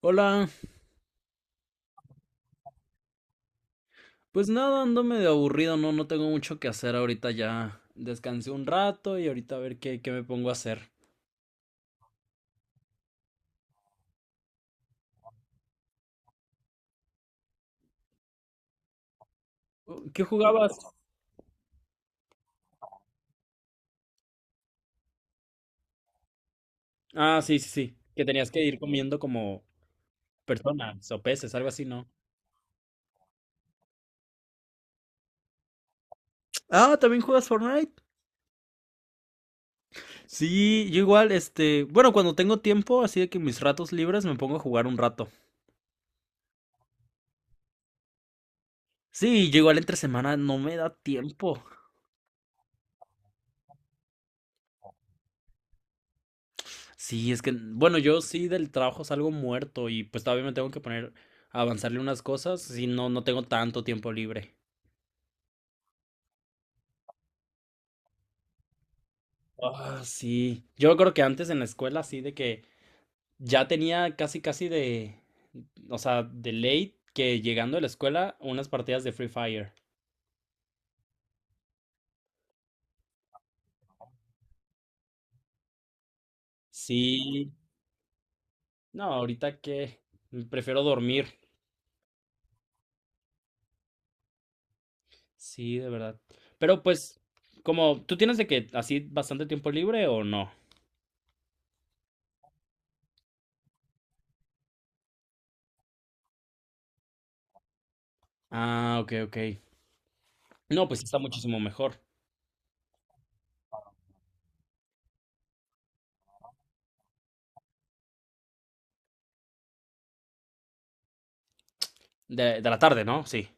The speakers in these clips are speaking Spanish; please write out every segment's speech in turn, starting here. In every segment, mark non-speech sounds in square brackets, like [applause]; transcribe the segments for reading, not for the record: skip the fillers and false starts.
Hola, pues nada, ando medio aburrido, no, no tengo mucho que hacer ahorita ya. Descansé un rato y ahorita a ver qué me pongo a hacer. ¿Qué jugabas? Ah, sí, sí, sí, que tenías que ir comiendo como personas o peces, algo así, ¿no? Ah, ¿también juegas Fortnite? Sí, yo igual, bueno, cuando tengo tiempo, así de que mis ratos libres me pongo a jugar un rato. Sí, yo igual entre semana no me da tiempo. Sí, es que, bueno, yo sí del trabajo salgo muerto y pues todavía me tengo que poner a avanzarle unas cosas, si no, no tengo tanto tiempo libre. Ah, sí. Yo me acuerdo que antes en la escuela, así de que ya tenía casi, casi de, o sea, de late que llegando de la escuela, unas partidas de Free Fire. Sí. No, ahorita que prefiero dormir. Sí, de verdad. Pero pues, como, ¿tú tienes de que así bastante tiempo libre o no? Ah, ok, ok. No, pues sí está muchísimo mejor. De la tarde, ¿no? Sí.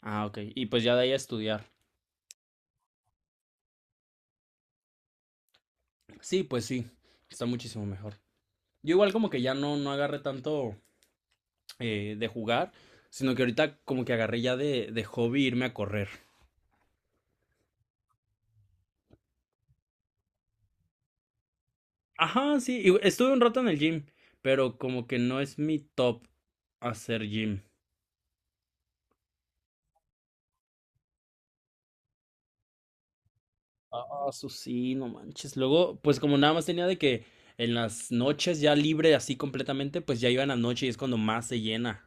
Ah, ok. Y pues ya de ahí a estudiar. Sí, pues sí. Está muchísimo mejor. Yo igual como que ya no, no agarré tanto de jugar, sino que ahorita como que agarré ya de hobby irme a correr. Ajá, sí. Y estuve un rato en el gym, pero como que no es mi top hacer gym. Ah, eso sí, no manches. Luego, pues como nada más tenía de que en las noches ya libre así completamente, pues ya iba en la noche y es cuando más se llena.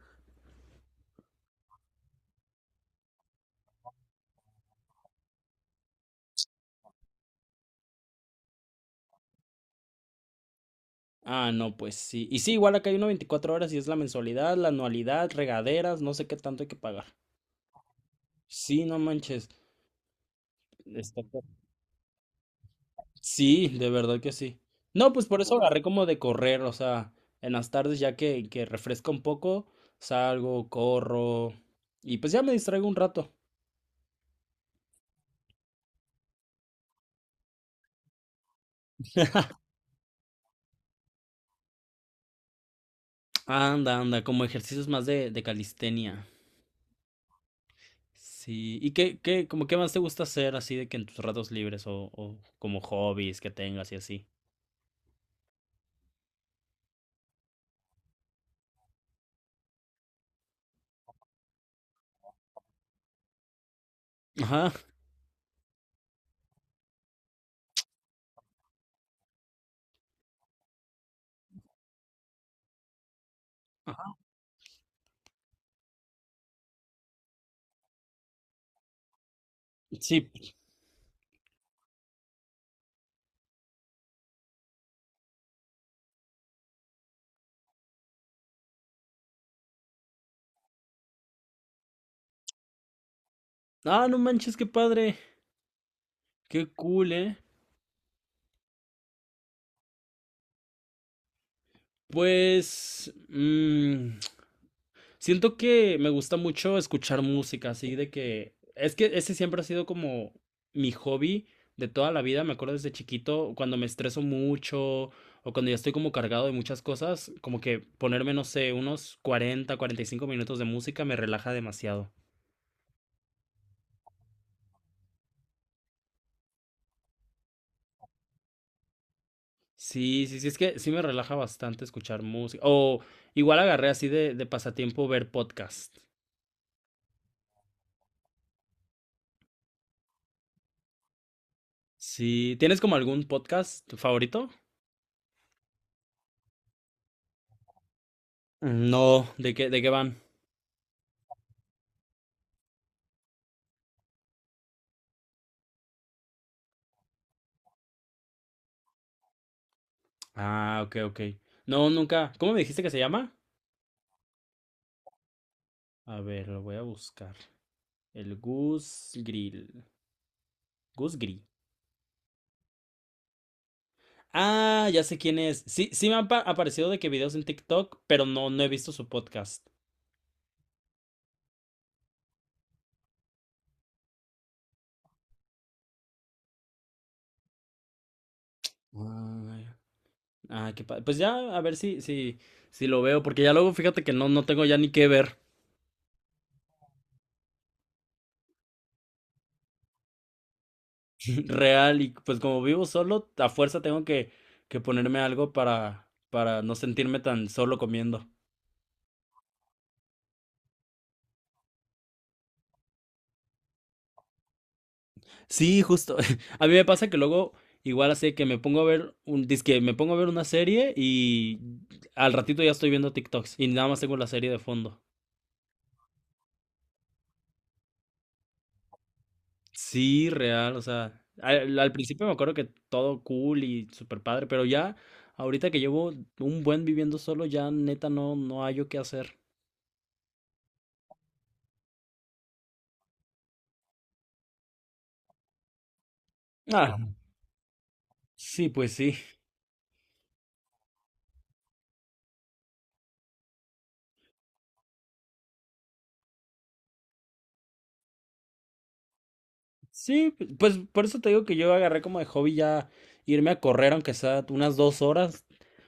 Ah, no, pues sí. Y sí, igual acá hay una 24 horas y es la mensualidad, la anualidad, regaderas, no sé qué tanto hay que pagar. Sí, no manches. está ca- Sí, de verdad que sí. No, pues por eso agarré como de correr, o sea, en las tardes ya que refresca un poco, salgo, corro y pues ya me distraigo un rato. Anda, anda, como ejercicios más de calistenia. Sí. ¿Y como qué más te gusta hacer así de que en tus ratos libres o como hobbies que tengas y así? Ajá. Ajá. Sí. Ah, no manches, qué padre. Qué cool, ¿eh? Pues, siento que me gusta mucho escuchar música, así de que. Es que ese siempre ha sido como mi hobby de toda la vida. Me acuerdo desde chiquito, cuando me estreso mucho o cuando ya estoy como cargado de muchas cosas, como que ponerme, no sé, unos 40, 45 minutos de música me relaja demasiado. Sí, sí, sí, es que sí me relaja bastante escuchar música. O igual agarré así de pasatiempo ver podcast. Sí, ¿tienes como algún podcast favorito? No, ¿de qué van? Ah, ok, ok. No, nunca. ¿Cómo me dijiste que se llama? A ver, lo voy a buscar. El Gus Grill. Gus Grill. Ah, ya sé quién es. Sí, sí me han aparecido de que videos en TikTok, pero no, no he visto su podcast. Ah, ah, qué padre. Pues ya, a ver si lo veo, porque ya luego fíjate que no, no tengo ya ni qué ver. [laughs] Real, y pues como vivo solo, a fuerza tengo que ponerme algo para no sentirme tan solo comiendo. Sí, justo. [laughs] A mí me pasa que luego, igual así que me pongo a ver dizque me pongo a ver una serie y al ratito ya estoy viendo TikToks y nada más tengo la serie de fondo. Sí, real, o sea, al principio me acuerdo que todo cool y super padre, pero ya ahorita que llevo un buen viviendo solo, ya neta no, no hallo qué hacer. Ah, sí, pues sí. Sí, pues por eso te digo que yo agarré como de hobby ya irme a correr, aunque sea unas 2 horas,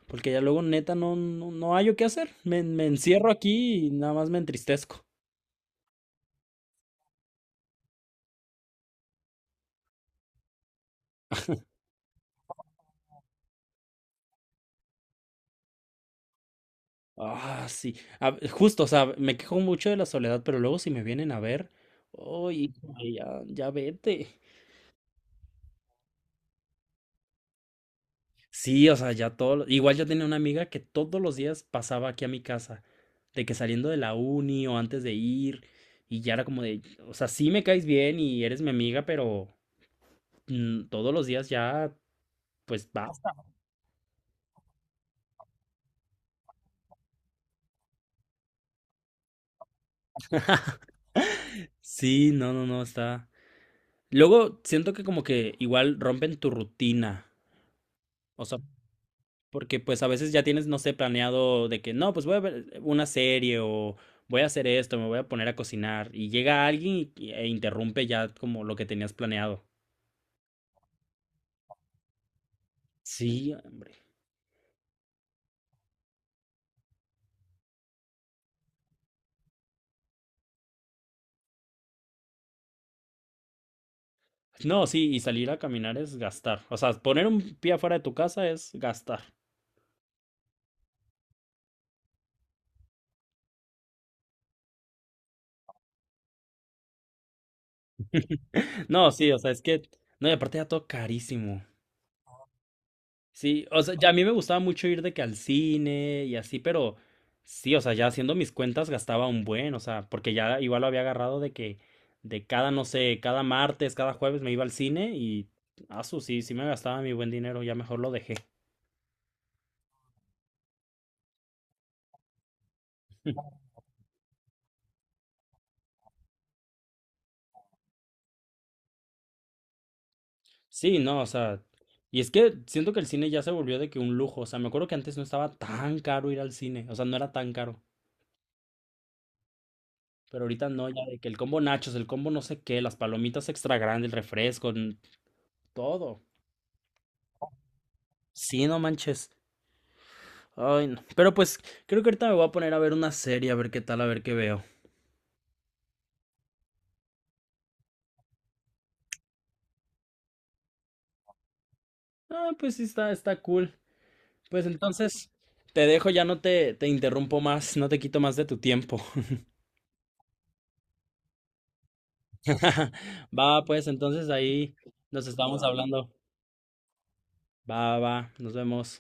porque ya luego neta no, no, no hallo qué hacer. Me encierro aquí y nada más me entristezco. Ah, sí. Justo, o sea, me quejo mucho de la soledad, pero luego si me vienen a ver, oye, ya, ya vete. Sí, o sea, ya todo. Igual yo tenía una amiga que todos los días pasaba aquí a mi casa, de que saliendo de la uni o antes de ir, y ya era como de, o sea, sí me caes bien y eres mi amiga, pero. Todos los días ya, pues basta. Sí, no, no, no, está. Luego siento que como que igual rompen tu rutina. O sea, porque pues a veces ya tienes, no sé, planeado de que no, pues voy a ver una serie o voy a hacer esto, me voy a poner a cocinar. Y llega alguien e interrumpe ya como lo que tenías planeado. Sí, hombre. No, sí, y salir a caminar es gastar. O sea, poner un pie afuera de tu casa es gastar. [laughs] No, sí, o sea, es que. No, y aparte ya todo carísimo. Sí, o sea, ya a mí me gustaba mucho ir de que al cine y así, pero sí, o sea, ya haciendo mis cuentas gastaba un buen, o sea, porque ya igual lo había agarrado de que de cada, no sé, cada martes, cada jueves me iba al cine y, asu, sí, sí me gastaba mi buen dinero, ya mejor lo dejé. Sí, no, o sea, y es que siento que el cine ya se volvió de que un lujo, o sea, me acuerdo que antes no estaba tan caro ir al cine, o sea, no era tan caro, pero ahorita no, ya de que el combo nachos, el combo no sé qué, las palomitas extra grandes, el refresco, todo. Sí, no manches. Ay, no. Pero pues creo que ahorita me voy a poner a ver una serie, a ver qué tal, a ver qué veo. Ah, pues sí, está cool. Pues entonces te dejo, ya no te interrumpo más, no te quito más de tu tiempo. [laughs] Va, pues entonces ahí nos estamos hablando. Va, va, nos vemos.